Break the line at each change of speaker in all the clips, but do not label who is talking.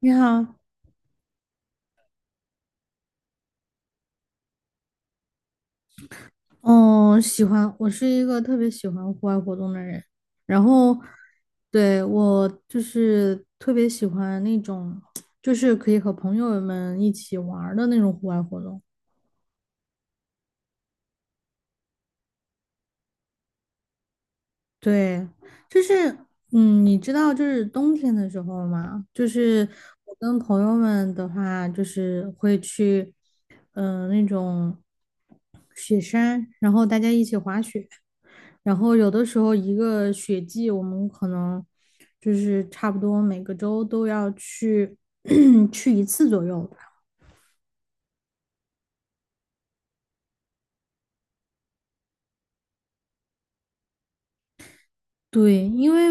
你好，嗯，喜欢，我是一个特别喜欢户外活动的人，然后，对，我就是特别喜欢那种，就是可以和朋友们一起玩儿的那种户外活动。对，就是，你知道，就是冬天的时候嘛，就是我跟朋友们的话，就是会去，那种雪山，然后大家一起滑雪。然后有的时候一个雪季，我们可能就是差不多每个周都要去 去一次左右吧。对，因为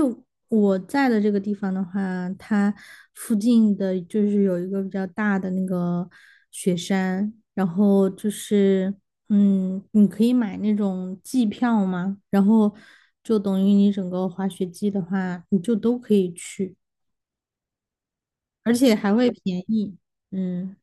我在的这个地方的话，它附近的就是有一个比较大的那个雪山，然后就是你可以买那种季票嘛，然后就等于你整个滑雪季的话，你就都可以去，而且还会便宜。嗯，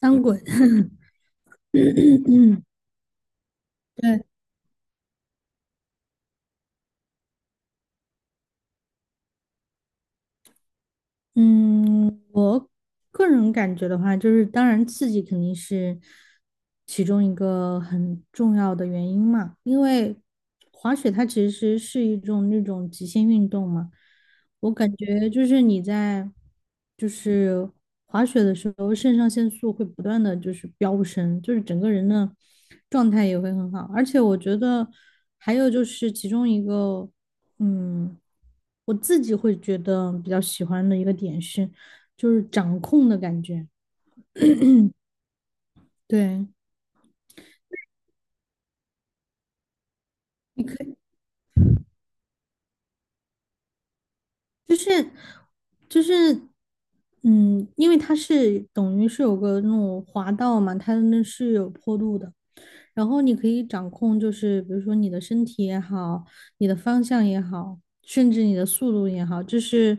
翻滚。嗯，对，嗯，我个人感觉的话，就是当然刺激肯定是其中一个很重要的原因嘛，因为滑雪它其实是一种那种极限运动嘛，我感觉就是你在就是滑雪的时候，肾上腺素会不断的就是飙升，就是整个人的状态也会很好。而且我觉得还有就是其中一个，嗯，我自己会觉得比较喜欢的一个点是，就是掌控的感觉。对，你可以就是就是。因为它是等于是有个那种滑道嘛，它那是有坡度的，然后你可以掌控，就是比如说你的身体也好，你的方向也好，甚至你的速度也好，就是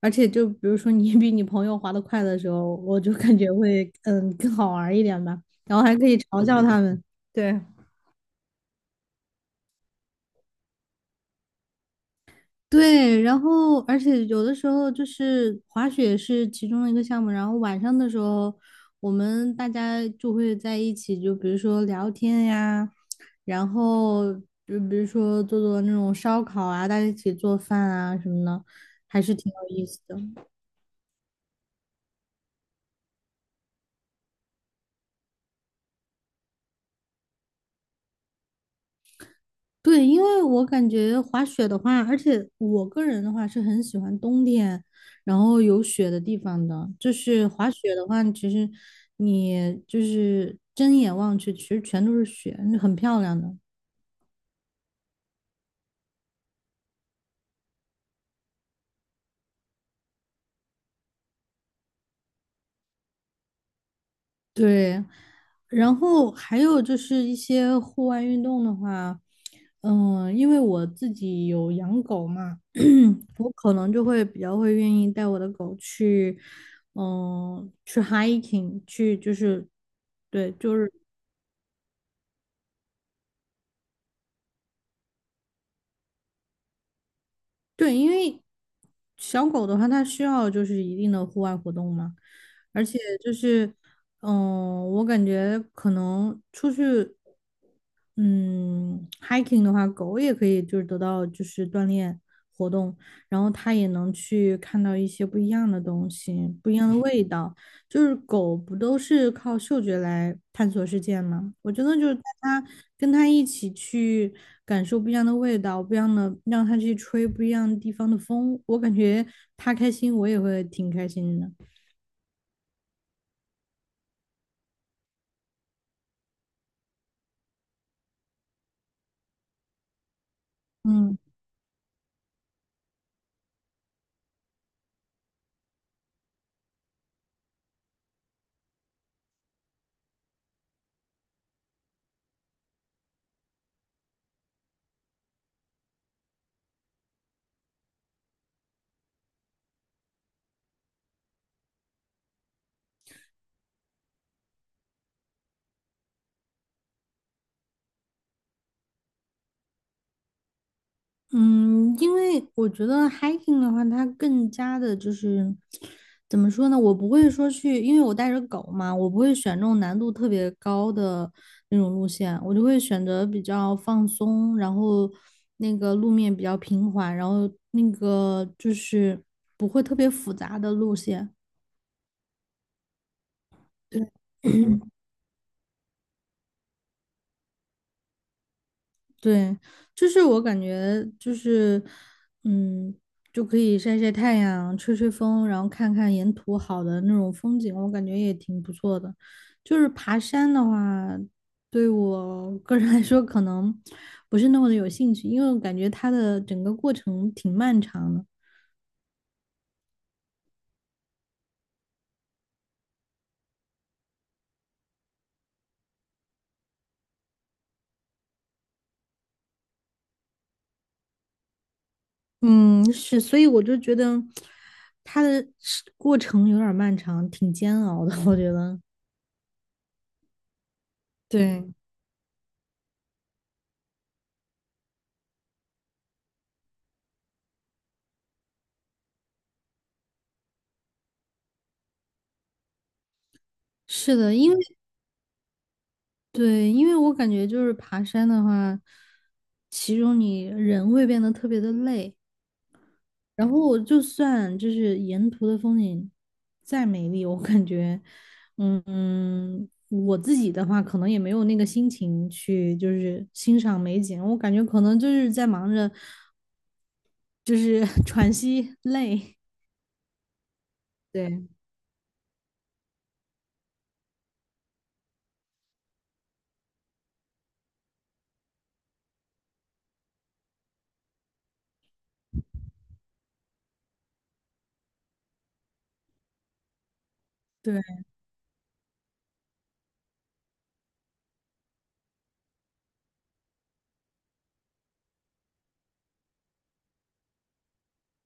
而且就比如说你 比你朋友滑得快的时候，我就感觉会更好玩儿一点吧，然后还可以嘲笑他们，对。对，然后而且有的时候就是滑雪是其中的一个项目，然后晚上的时候我们大家就会在一起，就比如说聊天呀，然后就比如说做做那种烧烤啊，大家一起做饭啊什么的，还是挺有意思的。对，因为我感觉滑雪的话，而且我个人的话是很喜欢冬天，然后有雪的地方的。就是滑雪的话，其实你就是睁眼望去，其实全都是雪，很漂亮的。对，然后还有就是一些户外运动的话，因为我自己有养狗嘛。我可能就会比较会愿意带我的狗去，去 hiking，去就是，对，就是对，因为小狗的话，它需要就是一定的户外活动嘛，而且就是，我感觉可能出去嗯，hiking 的话，狗也可以就是得到就是锻炼活动，然后它也能去看到一些不一样的东西，不一样的味道。就是狗不都是靠嗅觉来探索世界吗？我真的就是带它跟它一起去感受不一样的味道，不一样的，让它去吹不一样地方的风，我感觉它开心，我也会挺开心的。嗯。嗯，因为我觉得 hiking 的话，它更加的就是怎么说呢？我不会说去，因为我带着狗嘛，我不会选那种难度特别高的那种路线，我就会选择比较放松，然后那个路面比较平缓，然后那个就是不会特别复杂的路线。对。对，就是我感觉就是，嗯，就可以晒晒太阳、吹吹风，然后看看沿途好的那种风景，我感觉也挺不错的。就是爬山的话，对我个人来说可能不是那么的有兴趣，因为我感觉它的整个过程挺漫长的。嗯，是，所以我就觉得它的是过程有点儿漫长，挺煎熬的，我觉得。对，是的，因为对，因为我感觉就是爬山的话，其中你人会变得特别的累，然后我就算就是沿途的风景再美丽，我感觉，我自己的话可能也没有那个心情去就是欣赏美景，我感觉可能就是在忙着就是 喘息累，对。对。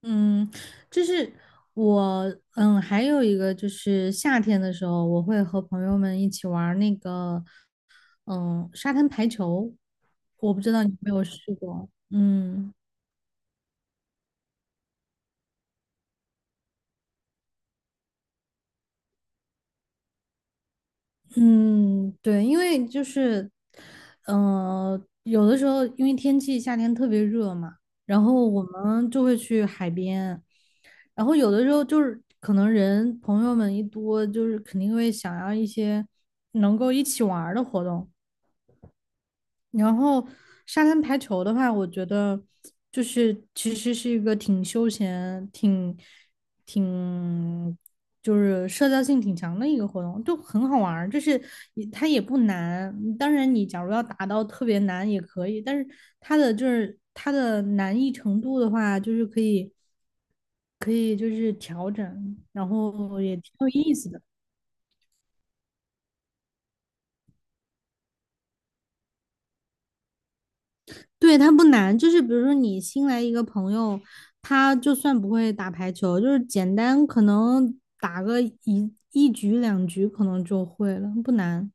嗯，就是我，还有一个就是夏天的时候，我会和朋友们一起玩儿那个，沙滩排球。我不知道你有没有试过。嗯嗯，对，因为就是，有的时候因为天气夏天特别热嘛，然后我们就会去海边，然后有的时候就是可能人朋友们一多，就是肯定会想要一些能够一起玩儿的活动。然后沙滩排球的话，我觉得就是其实是一个挺休闲、挺就是社交性挺强的一个活动，就很好玩儿。就是你它也不难，当然你假如要达到特别难也可以，但是它的难易程度的话，就是可以就是调整，然后也挺有意思的。对，它不难，就是比如说你新来一个朋友，他就算不会打排球，就是简单可能打个一局两局可能就会了，不难。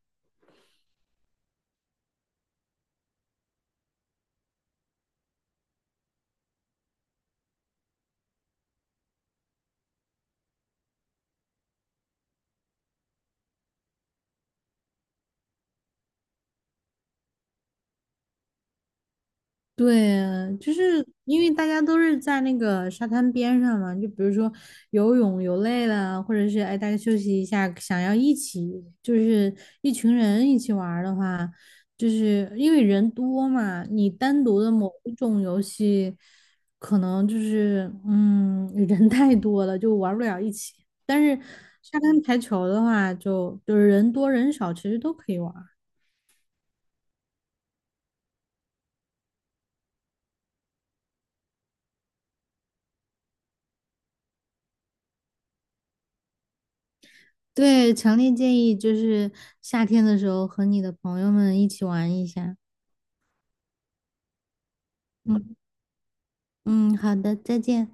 对啊，就是因为大家都是在那个沙滩边上嘛，就比如说游泳游累了，或者是哎大家休息一下，想要一起就是一群人一起玩儿的话，就是因为人多嘛，你单独的某一种游戏，可能就是人太多了就玩不了一起。但是沙滩排球的话就是人多人少其实都可以玩。对，强烈建议就是夏天的时候和你的朋友们一起玩一下。嗯嗯，好的，再见。